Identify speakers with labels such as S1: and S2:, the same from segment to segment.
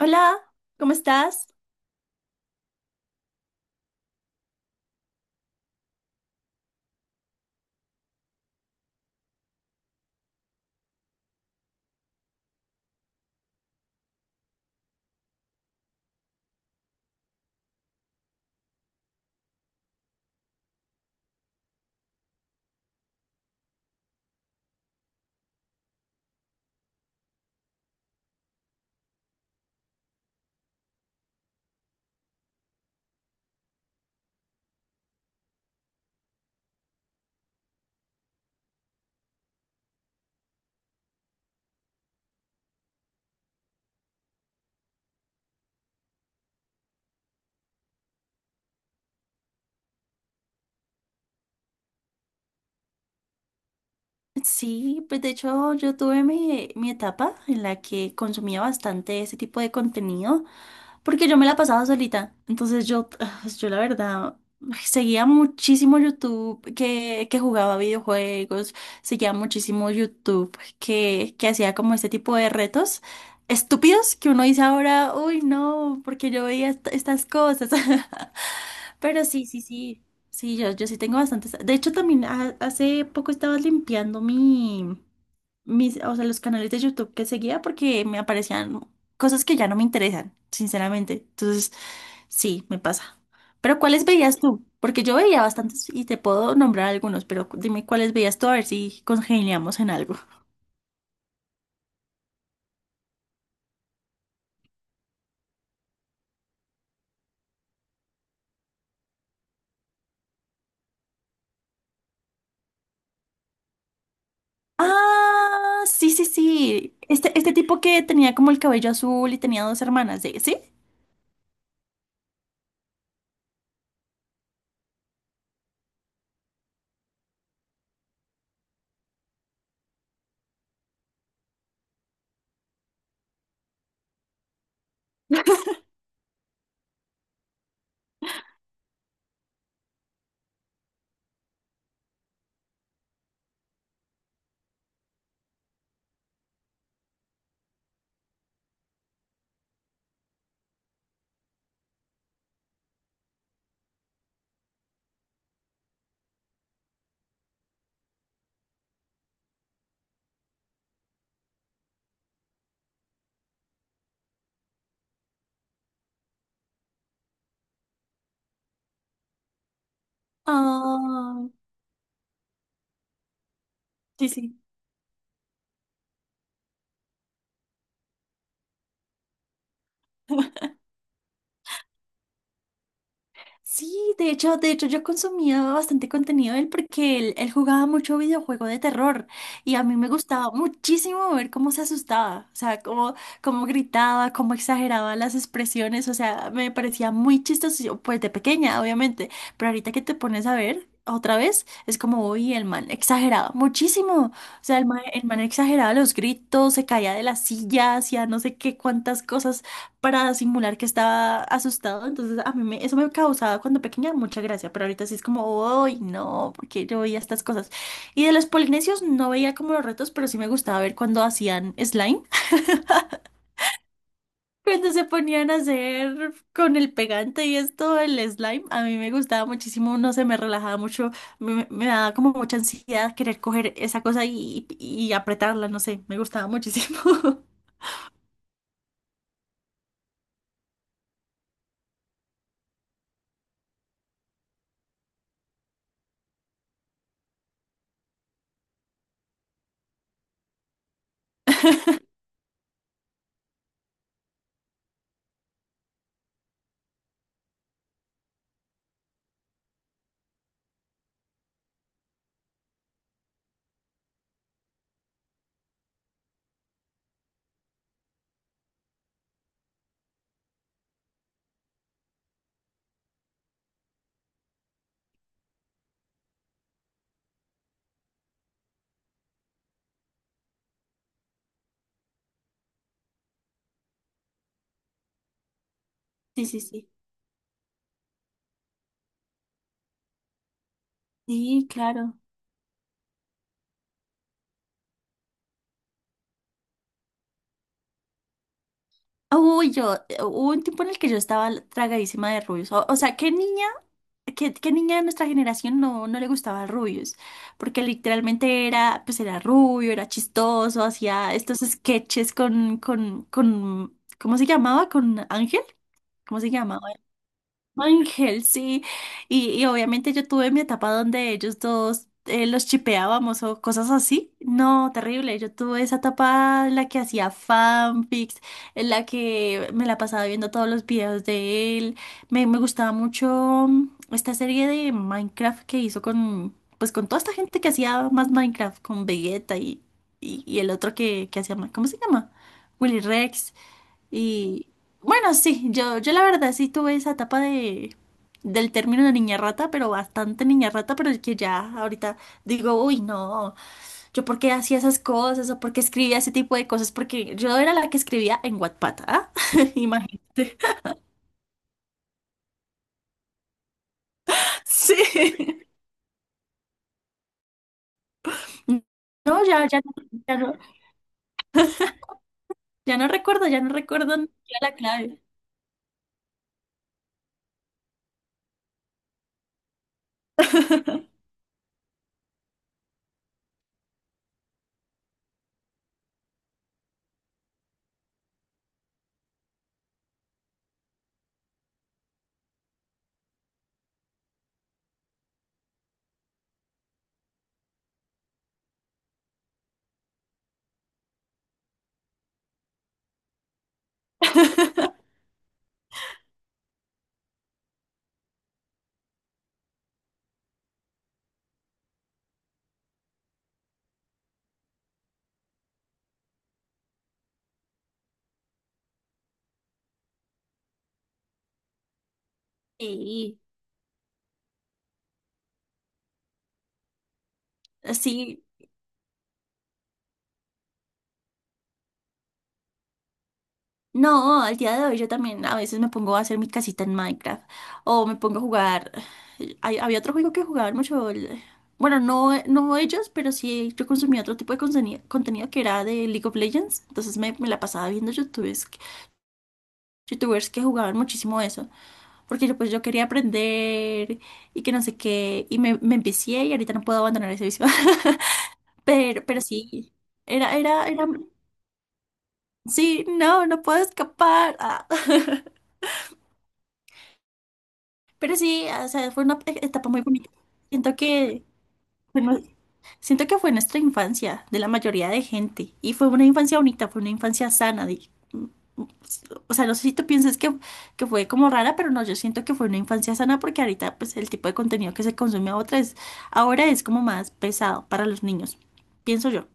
S1: Hola, ¿cómo estás? Sí, pues de hecho yo tuve mi etapa en la que consumía bastante ese tipo de contenido, porque yo me la pasaba solita. Entonces yo, yo la verdad, seguía muchísimo YouTube que jugaba videojuegos, seguía muchísimo YouTube que hacía como este tipo de retos estúpidos que uno dice ahora, uy, no, porque yo veía estas cosas. Pero sí, sí, sí. Sí, yo sí tengo bastantes. De hecho, también hace poco estaba limpiando mi mis, o sea, los canales de YouTube que seguía porque me aparecían cosas que ya no me interesan, sinceramente. Entonces, sí, me pasa. Pero ¿cuáles veías tú? Porque yo veía bastantes y te puedo nombrar algunos, pero dime cuáles veías tú, a ver si congeniamos en algo. Ah, sí, sí, sí. Este tipo que tenía como el cabello azul y tenía dos hermanas, ¿sí? ¿Sí? Ah, sí, sí. Sí, de hecho yo consumía bastante contenido de él porque él jugaba mucho videojuego de terror y a mí me gustaba muchísimo ver cómo se asustaba, o sea, cómo, cómo gritaba, cómo exageraba las expresiones, o sea, me parecía muy chistoso, yo, pues de pequeña, obviamente, pero ahorita que te pones a ver otra vez, es como, uy, el man exageraba muchísimo, o sea, el man exageraba los gritos, se caía de las sillas, hacía no sé qué cuántas cosas para simular que estaba asustado. Entonces, a mí eso me causaba cuando pequeña mucha gracia, pero ahorita sí es como, ¡ay, no! Porque yo veía estas cosas. Y de los polinesios no veía como los retos, pero sí me gustaba ver cuando hacían slime. Cuando se ponían a hacer con el pegante y esto, el slime, a mí me gustaba muchísimo, no sé, me relajaba mucho, me daba como mucha ansiedad querer coger esa cosa y apretarla, no sé, me gustaba muchísimo. Sí, sí, sí. Sí, claro. Uy, yo, hubo un tiempo en el que yo estaba tragadísima de rubios. O sea, ¿qué niña, qué, qué niña de nuestra generación no, no le gustaba rubios? Porque literalmente era, pues era rubio, era chistoso, hacía estos sketches con, ¿cómo se llamaba? ¿Con Ángel? ¿Cómo se llamaba? Ángel, sí. Y obviamente yo tuve mi etapa donde ellos dos los chipeábamos o cosas así. No, terrible. Yo tuve esa etapa en la que hacía fanfics, en la que me la pasaba viendo todos los videos de él. Me gustaba mucho esta serie de Minecraft que hizo con, pues con toda esta gente que hacía más Minecraft, con Vegeta y el otro que hacía, ¿cómo se llama? Willy Rex. Y bueno, sí, yo la verdad sí tuve esa etapa de, del término de niña rata, pero bastante niña rata, pero es que ya ahorita digo, uy, no, yo por qué hacía esas cosas o por qué escribía ese tipo de cosas, porque yo era la que escribía en Wattpad, ¿ah? Imagínate. Sí. No, ya, ya, ya no, ya no recuerdo ni siquiera la clave. Sí, sí. No, al día de hoy yo también a veces me pongo a hacer mi casita en Minecraft o me pongo a jugar. Había otro juego que jugaban mucho. El bueno, no, no ellos, pero sí yo consumía otro tipo de contenido que era de League of Legends. Entonces me la pasaba viendo youtubers, youtubers que jugaban muchísimo eso. Porque yo, pues yo quería aprender y que no sé qué. Y me empecé y ahorita no puedo abandonar ese vicio. Pero sí, era, era, era. Sí, no, no puedo escapar. Ah. Pero sí, o sea, fue una etapa muy bonita. Siento que, bueno, siento que fue nuestra infancia de la mayoría de gente y fue una infancia bonita, fue una infancia sana. O sea, no sé si tú piensas que fue como rara, pero no, yo siento que fue una infancia sana porque ahorita pues el tipo de contenido que se consume ahora es como más pesado para los niños, pienso yo.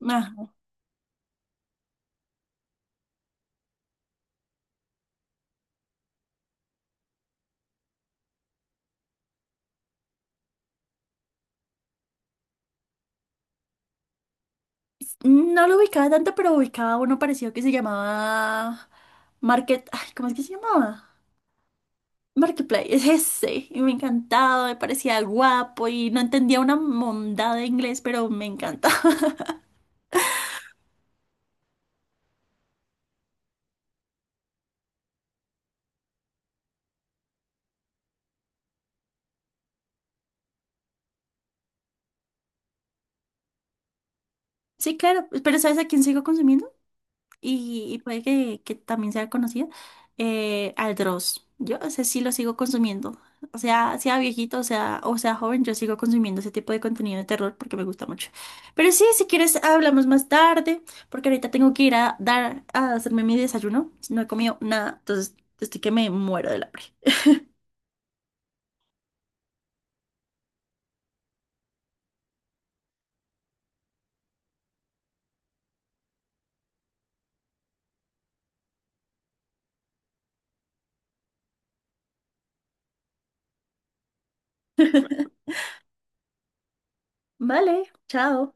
S1: Ajá. No lo ubicaba tanto, pero ubicaba uno parecido que se llamaba Market, ay, ¿cómo es que se llamaba? Markiplier, es ese, y me encantaba, me parecía guapo y no entendía una mondada de inglés, pero me encanta. Sí, claro, pero ¿sabes a quién sigo consumiendo? Y puede que también sea conocida, al Dross. Yo ese sí lo sigo consumiendo. O sea, sea viejito, o sea joven, yo sigo consumiendo ese tipo de contenido de terror porque me gusta mucho. Pero sí, si quieres, hablamos más tarde, porque ahorita tengo que ir a dar, a hacerme mi desayuno. No he comido nada, entonces estoy que me muero del hambre. Vale, chao.